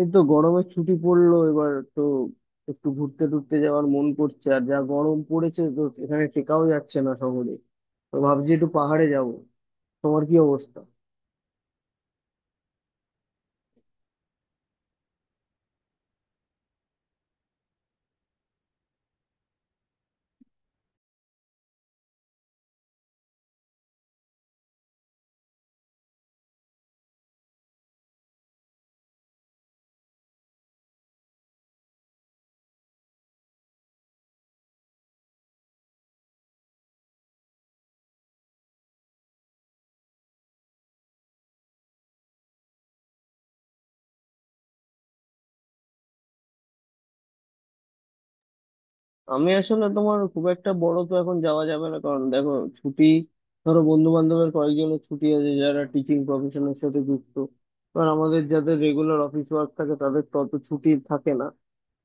এই তো গরমের ছুটি পড়লো এবার তো। একটু ঘুরতে টুরতে যাওয়ার মন করছে, আর যা গরম পড়েছে তো এখানে টেকাও যাচ্ছে না শহরে। তো ভাবছি একটু পাহাড়ে যাব। তোমার কি অবস্থা? আমি আসলে তোমার খুব একটা বড় তো এখন যাওয়া যাবে না, কারণ দেখো ছুটি, ধরো বন্ধু বান্ধবের কয়েকজনের ছুটি আছে যারা টিচিং প্রফেশনের সাথে যুক্ত। কারণ আমাদের যাদের রেগুলার অফিস ওয়ার্ক থাকে তাদের তো অত ছুটি থাকে না।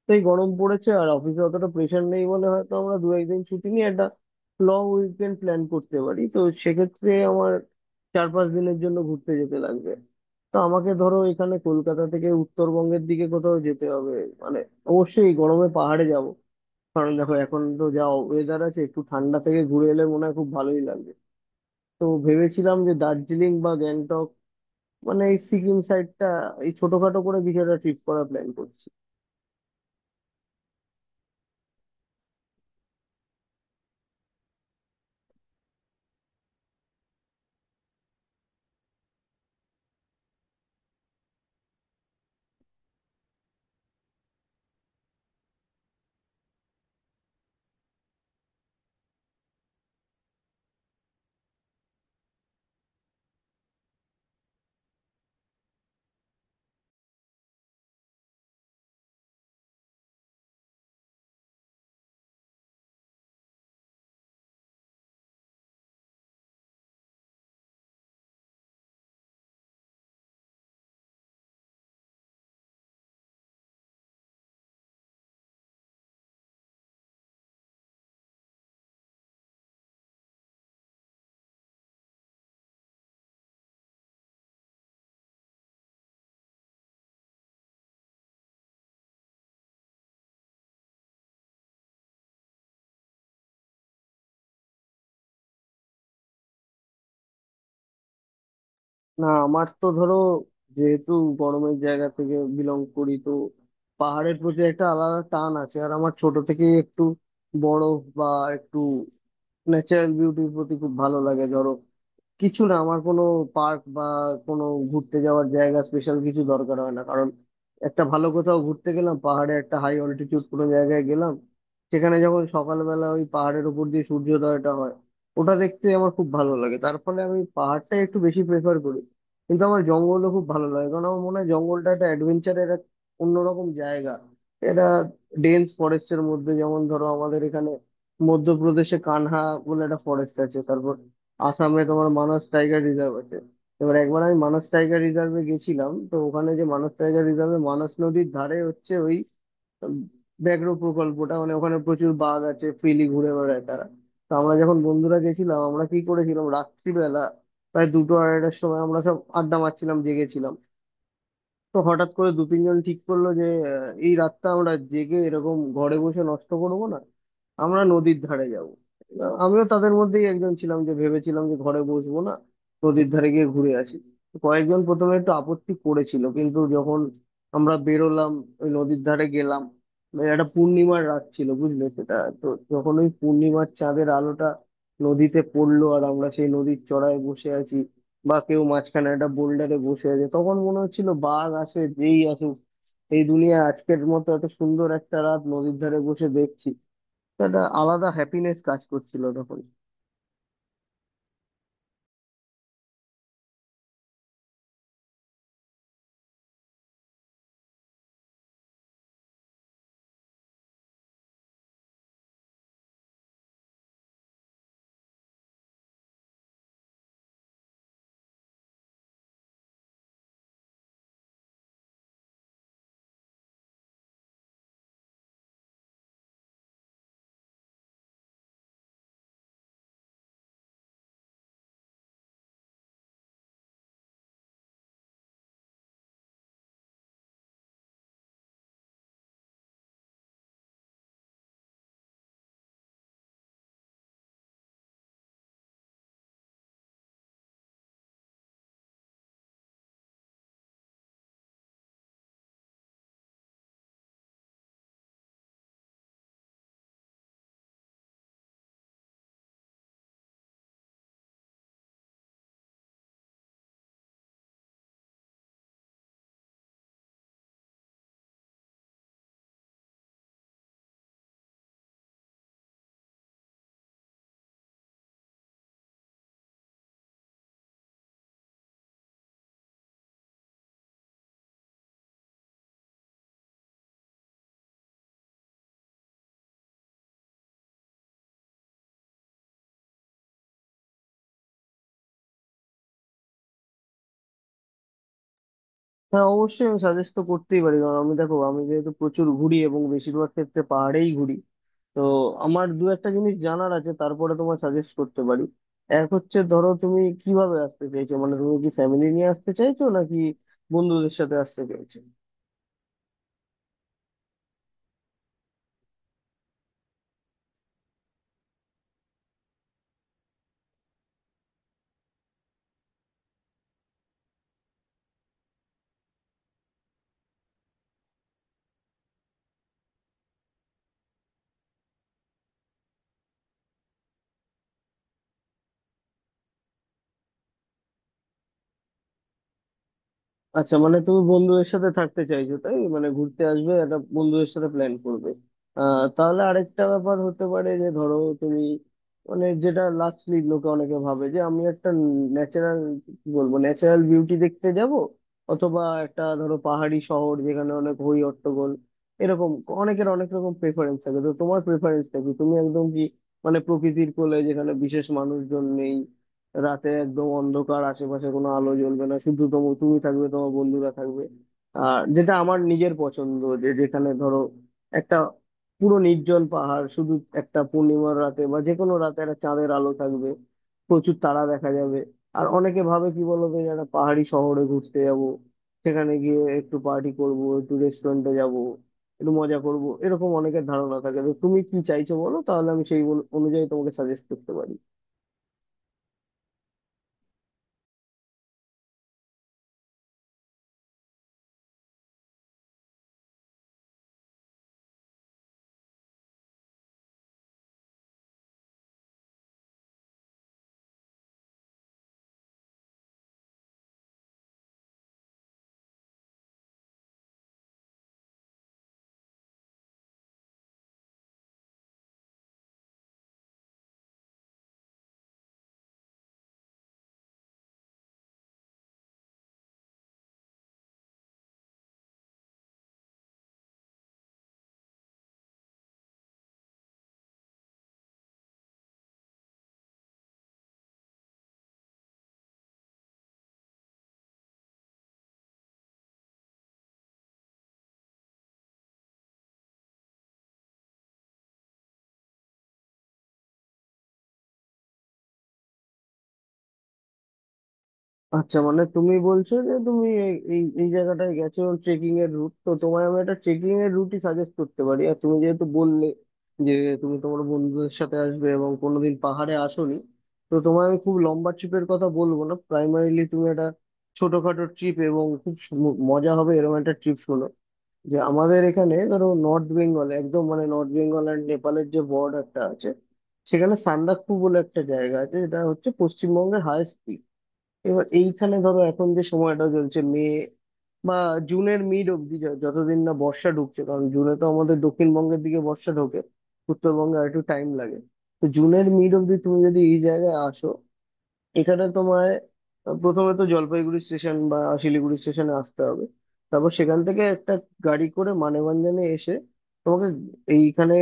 তাই গরম পড়েছে আর অফিসে অতটা প্রেশার নেই বলে হয়তো আমরা দু একদিন ছুটি নিয়ে একটা লং উইকেন্ড প্ল্যান করতে পারি। তো সেক্ষেত্রে আমার চার পাঁচ দিনের জন্য ঘুরতে যেতে লাগবে। তো আমাকে ধরো এখানে কলকাতা থেকে উত্তরবঙ্গের দিকে কোথাও যেতে হবে। মানে অবশ্যই এই গরমে পাহাড়ে যাব, কারণ দেখো এখন তো যা ওয়েদার আছে একটু ঠান্ডা থেকে ঘুরে এলে মনে হয় খুব ভালোই লাগবে। তো ভেবেছিলাম যে দার্জিলিং বা গ্যাংটক, মানে এই সিকিম সাইডটা, এই ছোটখাটো করে কিছু একটা ট্রিপ করার প্ল্যান করছি। না আমার তো ধরো, যেহেতু গরমের জায়গা থেকে বিলং করি তো পাহাড়ের প্রতি একটা আলাদা টান আছে। আর আমার ছোট থেকেই একটু বরফ বা একটু ন্যাচারাল বিউটির প্রতি খুব ভালো লাগে। ধরো কিছু না, আমার কোনো পার্ক বা কোনো ঘুরতে যাওয়ার জায়গা স্পেশাল কিছু দরকার হয় না, কারণ একটা ভালো কোথাও ঘুরতে গেলাম, পাহাড়ে একটা হাই অল্টিটিউড কোনো জায়গায় গেলাম, সেখানে যখন সকালবেলা ওই পাহাড়ের উপর দিয়ে সূর্যোদয়টা হয়, ওটা দেখতে আমার খুব ভালো লাগে। তার ফলে আমি পাহাড়টাই একটু বেশি প্রেফার করি। কিন্তু আমার জঙ্গলও খুব ভালো লাগে, কারণ আমার মনে হয় জঙ্গলটা একটা অ্যাডভেঞ্চারের এক অন্যরকম জায়গা। এটা ডেন্স ফরেস্টের মধ্যে যেমন ধরো আমাদের এখানে মধ্যপ্রদেশে কানহা বলে একটা ফরেস্ট আছে, তারপর আসামে তোমার মানস টাইগার রিজার্ভ আছে। এবার একবার আমি মানস টাইগার রিজার্ভে গেছিলাম, তো ওখানে যে মানস টাইগার রিজার্ভে মানস নদীর ধারে হচ্ছে ওই উম, ব্যাঘ্র প্রকল্পটা, মানে ওখানে প্রচুর বাঘ আছে, ফ্রিলি ঘুরে বেড়ায় তারা। তো আমরা যখন বন্ধুরা গেছিলাম, আমরা কি করেছিলাম রাত্রিবেলা প্রায় দুটো আড়াইটার সময় আমরা সব আড্ডা মারছিলাম, জেগেছিলাম। তো হঠাৎ করে দু তিনজন ঠিক করলো যে এই রাতটা আমরা জেগে এরকম ঘরে বসে নষ্ট করব না, আমরা নদীর ধারে যাব। আমিও তাদের মধ্যেই একজন ছিলাম যে ভেবেছিলাম যে ঘরে বসবো না, নদীর ধারে গিয়ে ঘুরে আসি। তো কয়েকজন প্রথমে একটু আপত্তি করেছিল, কিন্তু যখন আমরা বেরোলাম, ওই নদীর ধারে গেলাম, মানে একটা পূর্ণিমার রাত ছিল বুঝলে সেটা। তো যখন ওই পূর্ণিমার চাঁদের আলোটা নদীতে পড়লো আর আমরা সেই নদীর চড়ায় বসে আছি, বা কেউ মাঝখানে একটা বোল্ডারে বসে আছে, তখন মনে হচ্ছিল বাঘ আসে যেই আসুক, এই দুনিয়া আজকের মতো এত সুন্দর একটা রাত নদীর ধারে বসে দেখছি। তো একটা আলাদা হ্যাপিনেস কাজ করছিল তখন। হ্যাঁ অবশ্যই আমি সাজেস্ট তো করতেই পারি, কারণ আমি দেখো আমি যেহেতু প্রচুর ঘুরি এবং বেশিরভাগ ক্ষেত্রে পাহাড়েই ঘুরি। তো আমার দু একটা জিনিস জানার আছে, তারপরে তোমার সাজেস্ট করতে পারি। এক হচ্ছে ধরো তুমি কিভাবে আসতে চাইছো, মানে তুমি কি ফ্যামিলি নিয়ে আসতে চাইছো নাকি বন্ধুদের সাথে আসতে চাইছো? আচ্ছা মানে তুমি বন্ধুদের সাথে থাকতে চাইছো, তাই মানে ঘুরতে আসবে একটা বন্ধুদের সাথে প্ল্যান করবে। আহ তাহলে আরেকটা ব্যাপার হতে পারে যে ধরো তুমি, মানে যেটা লাস্টলি লোকে অনেকে ভাবে যে আমি একটা ন্যাচারাল, কি বলবো, ন্যাচারাল বিউটি দেখতে যাব, অথবা একটা ধরো পাহাড়ি শহর যেখানে অনেক হই হট্টগোল এরকম। অনেকের অনেক রকম প্রেফারেন্স থাকে, তো তোমার প্রেফারেন্সটা কি? তুমি একদম কি, মানে প্রকৃতির কোলে যেখানে বিশেষ মানুষজন নেই, রাতে একদম অন্ধকার, আশেপাশে কোনো আলো জ্বলবে না, শুধু তো তুমি থাকবে তোমার বন্ধুরা থাকবে, আর যেটা আমার নিজের পছন্দ যে যেখানে ধরো একটা পুরো নির্জন পাহাড়, শুধু একটা পূর্ণিমার রাতে বা যে কোনো রাতে একটা চাঁদের আলো থাকবে, প্রচুর তারা দেখা যাবে। আর অনেকে ভাবে কি বলতো যে একটা পাহাড়ি শহরে ঘুরতে যাব, সেখানে গিয়ে একটু পার্টি করব, একটু রেস্টুরেন্টে যাব, একটু মজা করব, এরকম অনেকের ধারণা থাকে। তো তুমি কি চাইছো বলো, তাহলে আমি সেই অনুযায়ী তোমাকে সাজেস্ট করতে পারি। আচ্ছা মানে তুমি বলছো যে তুমি এই এই এই জায়গাটায় গেছো ট্রেকিং এর রুট, তো তোমায় আমি একটা ট্রেকিং এর রুটই সাজেস্ট করতে পারি। আর তুমি যেহেতু বললে যে তুমি তোমার বন্ধুদের সাথে আসবে এবং কোনোদিন পাহাড়ে আসোনি, তো তোমায় আমি খুব লম্বা ট্রিপের কথা বলবো না। প্রাইমারিলি তুমি একটা ছোটখাটো ট্রিপ এবং খুব মজা হবে এরকম একটা ট্রিপ শোনো। যে আমাদের এখানে ধরো নর্থ বেঙ্গল, একদম মানে নর্থ বেঙ্গল অ্যান্ড নেপালের যে বর্ডারটা আছে, সেখানে সান্দাকফু বলে একটা জায়গা আছে যেটা হচ্ছে পশ্চিমবঙ্গের হায়েস্ট। এবার এইখানে ধরো এখন যে সময়টা চলছে মে বা জুনের মিড অব্দি, যতদিন না বর্ষা ঢুকছে, কারণ জুনে তো আমাদের দক্ষিণবঙ্গের দিকে বর্ষা ঢোকে, উত্তরবঙ্গে আর একটু টাইম লাগে। তো জুনের মিড অব্দি তুমি যদি এই জায়গায় আসো, এখানে তোমায় প্রথমে তো জলপাইগুড়ি স্টেশন বা শিলিগুড়ি স্টেশনে আসতে হবে। তারপর সেখান থেকে একটা গাড়ি করে মানেভঞ্জনে এসে তোমাকে এইখানে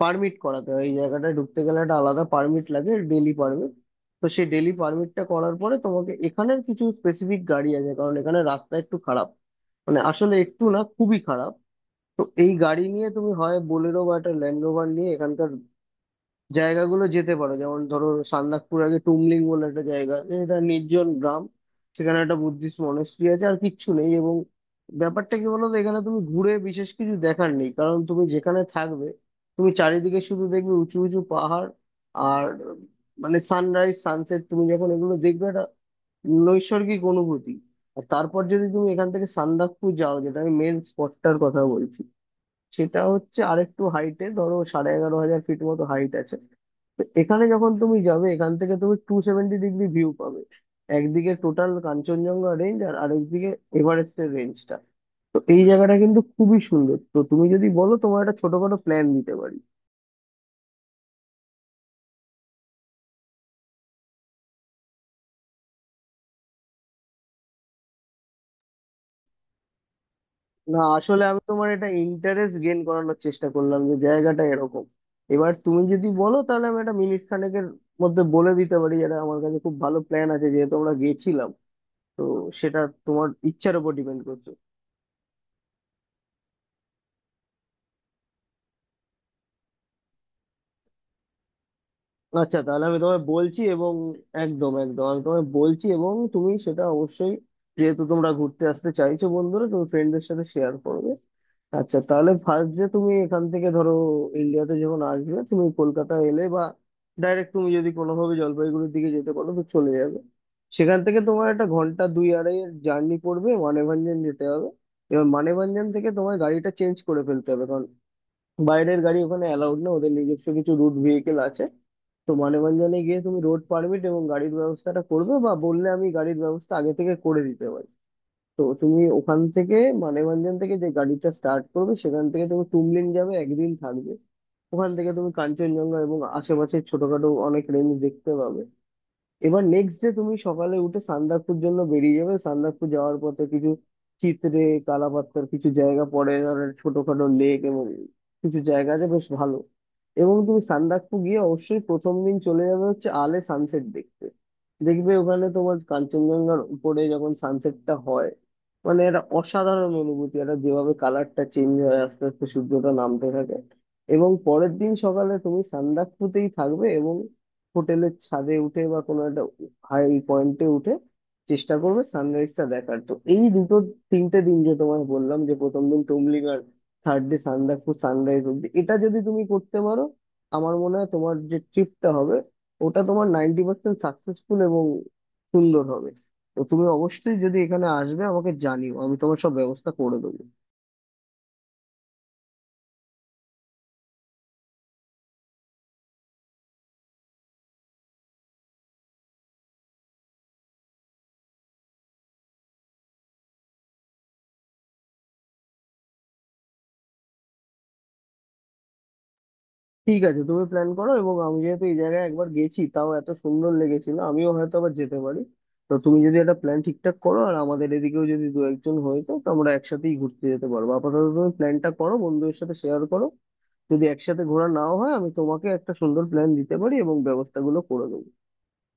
পারমিট করাতে হয়, এই জায়গাটায় ঢুকতে গেলে একটা আলাদা পারমিট লাগে, ডেলি পারমিট। তো সেই ডেলি পারমিটটা করার পরে তোমাকে এখানের কিছু স্পেসিফিক গাড়ি আছে, কারণ এখানে রাস্তা একটু খারাপ, মানে আসলে একটু না, খুবই খারাপ। তো এই গাড়ি নিয়ে তুমি হয় বোলেরো বা একটা ল্যান্ড রোভার নিয়ে এখানকার জায়গাগুলো যেতে পারো, যেমন ধরো সান্দাকপুর আগে টুমলিং বলে একটা জায়গা আছে, এটা নির্জন গ্রাম। সেখানে একটা বুদ্ধিস্ট মনাস্ট্রি আছে আর কিচ্ছু নেই। এবং ব্যাপারটা কি বলতো, এখানে তুমি ঘুরে বিশেষ কিছু দেখার নেই, কারণ তুমি যেখানে থাকবে, তুমি চারিদিকে শুধু দেখবে উঁচু উঁচু পাহাড়। আর মানে সানরাইজ সানসেট তুমি যখন এগুলো দেখবে, একটা নৈসর্গিক অনুভূতি। আর তারপর যদি তুমি এখান থেকে সান্দাকফু যাও, যেটা আমি মেন স্পটটার কথা বলছি, সেটা হচ্ছে আরেকটু হাইটে, ধরো 11,500 ফিট মতো হাইট আছে। তো এখানে যখন তুমি যাবে, এখান থেকে তুমি 270 ডিগ্রি ভিউ পাবে, একদিকে টোটাল কাঞ্চনজঙ্ঘা রেঞ্জ আর আরেকদিকে এভারেস্টের রেঞ্জটা। তো এই জায়গাটা কিন্তু খুবই সুন্দর। তো তুমি যদি বলো তোমার একটা ছোটখাটো প্ল্যান দিতে পারি। না আসলে আমি তোমার এটা ইন্টারেস্ট গেইন করানোর চেষ্টা করলাম যে জায়গাটা এরকম। এবার তুমি যদি বলো তাহলে আমি একটা মিনিট খানেকের মধ্যে বলে দিতে পারি, যেটা আমার কাছে খুব ভালো প্ল্যান আছে যেহেতু আমরা গেছিলাম। তো সেটা তোমার ইচ্ছার উপর ডিপেন্ড করছে। আচ্ছা তাহলে আমি তোমায় বলছি, এবং একদম একদম আমি তোমায় বলছি এবং তুমি সেটা অবশ্যই, যেহেতু তোমরা ঘুরতে আসতে চাইছো বন্ধুরা, তুমি ফ্রেন্ডদের সাথে শেয়ার করবে। আচ্ছা তাহলে ফার্স্ট যে তুমি এখান থেকে ধরো ইন্ডিয়াতে যখন আসবে, তুমি কলকাতা এলে বা ডাইরেক্ট তুমি যদি কোনোভাবে জলপাইগুড়ির দিকে যেতে পারো তো চলে যাবে। সেখান থেকে তোমার একটা ঘন্টা দুই আড়াইয়ের জার্নি পড়বে, মানেভঞ্জন যেতে হবে। এবার মানেভঞ্জন থেকে তোমায় গাড়িটা চেঞ্জ করে ফেলতে হবে, বাইরের গাড়ি ওখানে অ্যালাউড না, ওদের নিজস্ব কিছু রুট ভেহিকেল আছে। তো মানববন্ধনে গিয়ে তুমি রোড পারমিট এবং গাড়ির ব্যবস্থাটা করবে, বা বললে আমি গাড়ির ব্যবস্থা আগে থেকে করে দিতে পারি। তো তুমি ওখান থেকে, মানববন্ধন থেকে যে গাড়িটা স্টার্ট করবে, সেখান থেকে তুমি তুমলিন যাবে, একদিন থাকবে। ওখান থেকে তুমি কাঞ্চনজঙ্ঘা এবং আশেপাশের ছোটখাটো অনেক রেঞ্জ দেখতে পাবে। এবার নেক্সট ডে তুমি সকালে উঠে সান্দাকফুর জন্য বেরিয়ে যাবে। সান্দাকফু যাওয়ার পথে কিছু চিত্রে কালাপাতার কিছু জায়গা পড়ে, ধরো ছোটখাটো লেক এবং কিছু জায়গা আছে বেশ ভালো। এবং তুমি সান্দাকফু গিয়ে অবশ্যই প্রথম দিন চলে যাবে হচ্ছে আলে সানসেট দেখতে। দেখবে ওখানে তোমার কাঞ্চনজঙ্ঘার উপরে যখন সানসেটটা হয়, মানে এটা অসাধারণ অনুভূতি, এটা যেভাবে কালারটা চেঞ্জ হয় আস্তে আস্তে সূর্যটা নামতে থাকে। এবং পরের দিন সকালে তুমি সান্দাকফুতেই থাকবে এবং হোটেলের ছাদে উঠে বা কোনো একটা হাই পয়েন্টে উঠে চেষ্টা করবে সানরাইজটা দেখার। তো এই দুটো তিনটে দিন যে তোমায় বললাম, যে প্রথম দিন তুমলিং আর থার্ড ডে সান্দাকফু সানরাইজ অব্দি, এটা যদি তুমি করতে পারো আমার মনে হয় তোমার যে ট্রিপটা হবে ওটা তোমার 90% সাকসেসফুল এবং সুন্দর হবে। তো তুমি অবশ্যই যদি এখানে আসবে আমাকে জানিও, আমি তোমার সব ব্যবস্থা করে দেবো। ঠিক আছে তুমি প্ল্যান করো, এবং আমি যেহেতু এই জায়গায় একবার গেছি তাও এত সুন্দর লেগেছিল, আমিও হয়তো আবার যেতে পারি। তো তুমি যদি একটা প্ল্যান ঠিকঠাক করো আর আমাদের এদিকেও যদি দু একজন হয়ে তো তো আমরা একসাথেই ঘুরতে যেতে পারবো। আপাতত তুমি প্ল্যানটা করো, বন্ধুদের সাথে শেয়ার করো। যদি একসাথে ঘোরা নাও হয় আমি তোমাকে একটা সুন্দর প্ল্যান দিতে পারি এবং ব্যবস্থাগুলো করে দেবো।